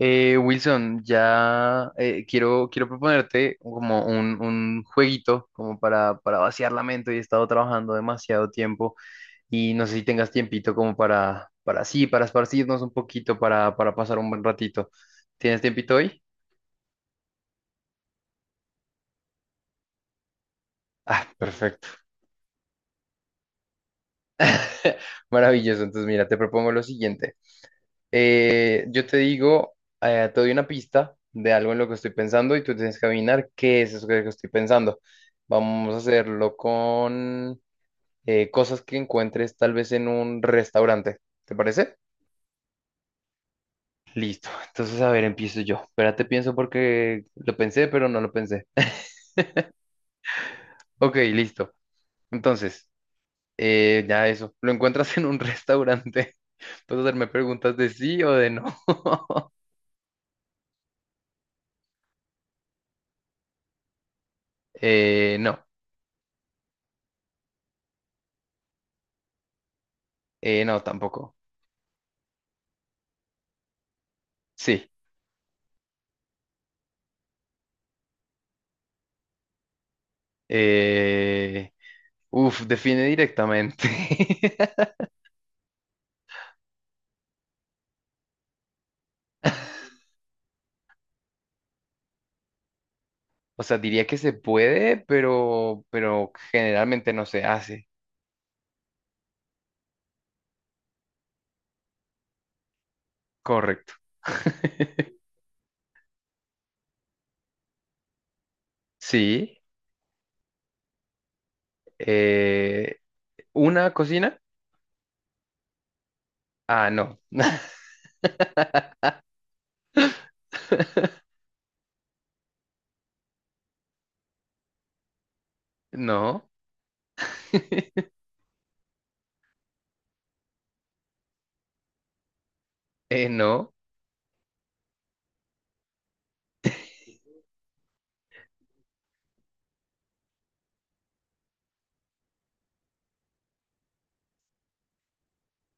Wilson, ya quiero proponerte como un jueguito como para vaciar la mente. Hoy he estado trabajando demasiado tiempo y no sé si tengas tiempito como para esparcirnos un poquito, para pasar un buen ratito. ¿Tienes tiempito hoy? Ah, perfecto. Maravilloso. Entonces, mira, te propongo lo siguiente. Yo te digo, te doy una pista de algo en lo que estoy pensando y tú tienes que adivinar qué es eso que estoy pensando. Vamos a hacerlo con cosas que encuentres tal vez en un restaurante. ¿Te parece? Listo. Entonces, a ver, empiezo yo. Espérate, pienso porque lo pensé, pero no lo pensé. Ok, listo. Entonces, ya eso. ¿Lo encuentras en un restaurante? ¿Puedes hacerme preguntas de sí o de no? No. No, tampoco. Sí. Eh, uf, define directamente. O sea, diría que se puede, pero generalmente no se hace. Correcto. Sí. eh, ¿una cocina? Ah, no. No. No.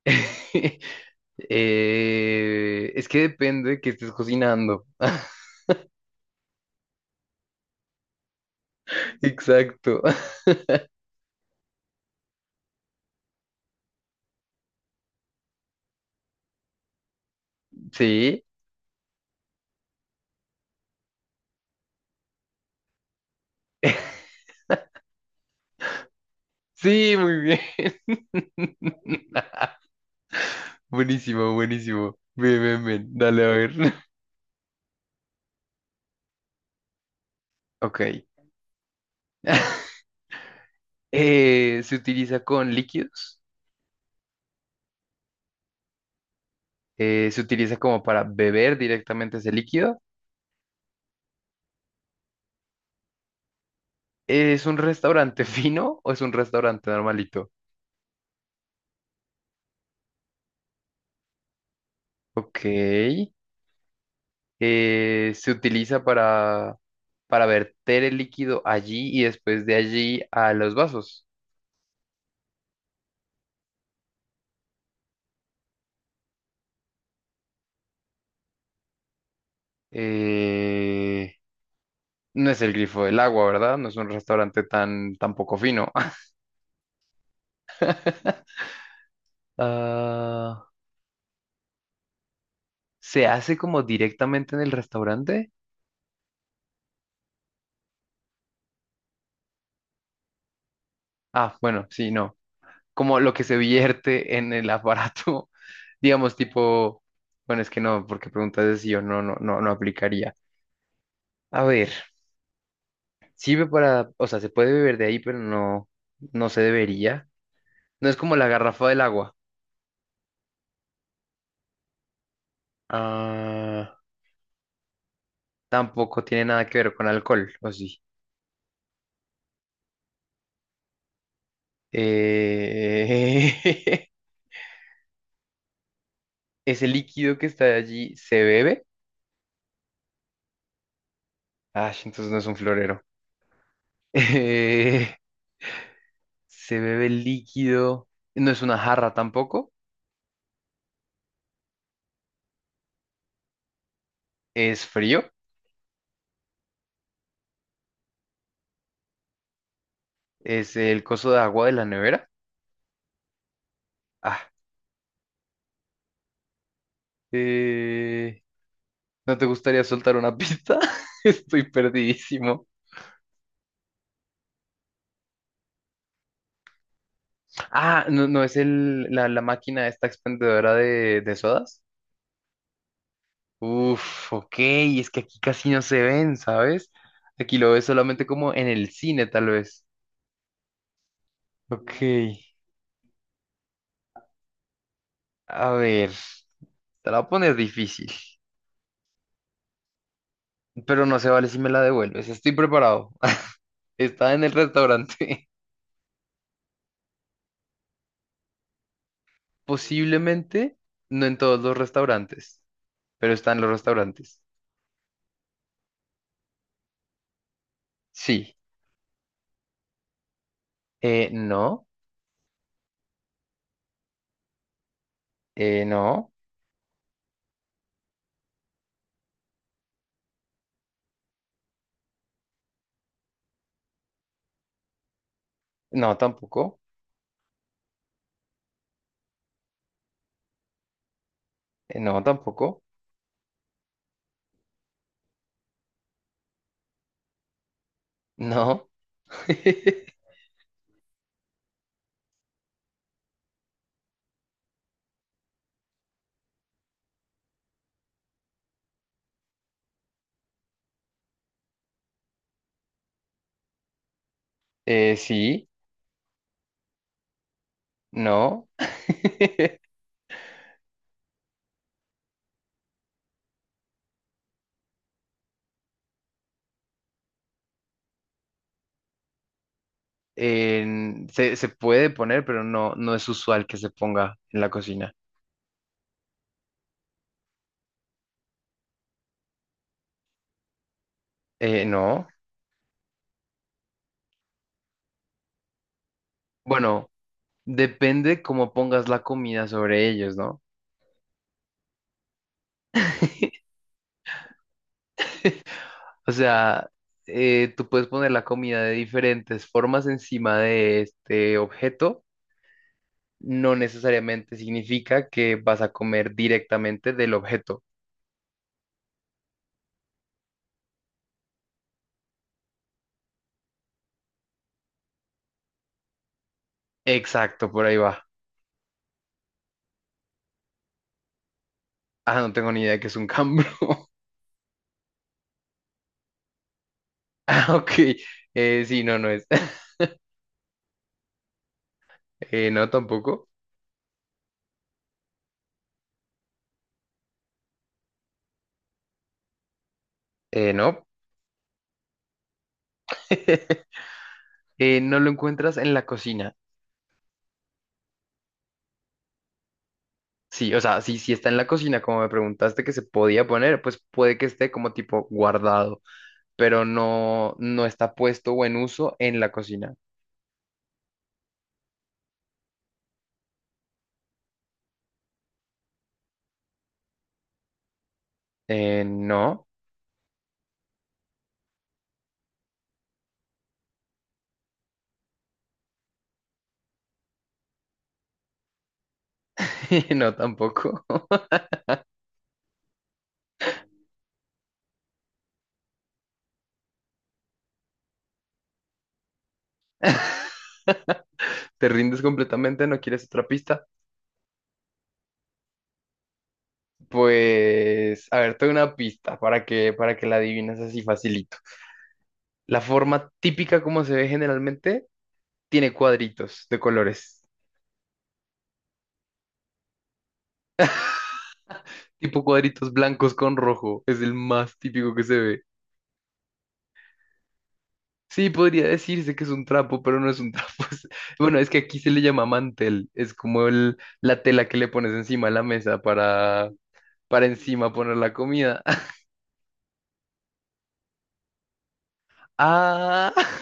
Es que depende de qué estés cocinando. Exacto. Sí. Sí, muy bien. Buenísimo, buenísimo. Ven, ven, ven. Dale a ver. Ok. Se utiliza con líquidos. Eh, se utiliza como para beber directamente ese líquido. ¿Es un restaurante fino o es un restaurante normalito? Ok. Eh, se utiliza para verter el líquido allí y después de allí a los vasos. Eh, no es el grifo del agua, ¿verdad? No es un restaurante tan poco fino. Ah, ¿se hace como directamente en el restaurante? Ah, bueno, sí, no. Como lo que se vierte en el aparato, digamos, tipo, bueno, es que no, porque preguntas es si yo no aplicaría. A ver, sirve para, o sea, se puede beber de ahí, no se debería. No es como la garrafa del agua. Ah, tampoco tiene nada que ver con alcohol, ¿o sí? Eh... Ese líquido que está allí se bebe. Ah, entonces no es un florero. Se bebe el líquido, no es una jarra tampoco, es frío, es el coso de agua de la nevera. Ah, eh, ¿no te gustaría soltar una pista? Estoy perdidísimo. Ah, no, no es la máquina esta expendedora de sodas. Uf, ok, es que aquí casi no se ven, ¿sabes? Aquí lo ves solamente como en el cine, tal vez. Ok, a ver, te la voy a poner difícil, pero no se vale si me la devuelves. Estoy preparado. Está en el restaurante. Posiblemente no en todos los restaurantes, pero está en los restaurantes. Sí. No. No. No, tampoco. No, tampoco. No. Sí. No. Se puede poner, pero no es usual que se ponga en la cocina. No. Bueno, depende cómo pongas la comida sobre ellos, ¿no? O sea, tú puedes poner la comida de diferentes formas encima de este objeto. No necesariamente significa que vas a comer directamente del objeto. Exacto, por ahí va. Ah, no tengo ni idea de qué es un cambro. Ah, ok. Sí, no, no es. No, tampoco. No. No lo encuentras en la cocina. Sí, o sea, sí, sí está en la cocina, como me preguntaste que se podía poner, pues puede que esté como tipo guardado. Pero no está puesto o en uso en la cocina. No, no tampoco. ¿Te rindes completamente? ¿No quieres otra pista? Pues, a ver, te doy una pista para que la adivines así facilito. La forma típica como se ve generalmente tiene cuadritos de colores, tipo cuadritos blancos con rojo. Es el más típico que se ve. Sí, podría decirse que es un trapo, pero no es un trapo. Bueno, es que aquí se le llama mantel. Es como la tela que le pones encima de la mesa para encima poner la comida. Ah,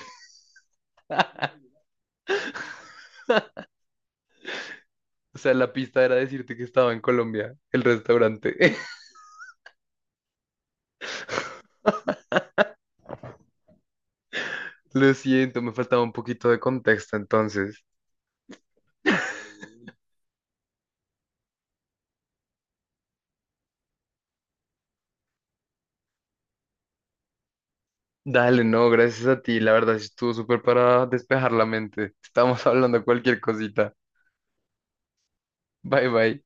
o sea, la pista era decirte que estaba en Colombia, el restaurante. Lo siento, me faltaba un poquito de contexto entonces. Dale, no, gracias a ti. La verdad, sí estuvo súper para despejar la mente. Estamos hablando de cualquier cosita. Bye, bye.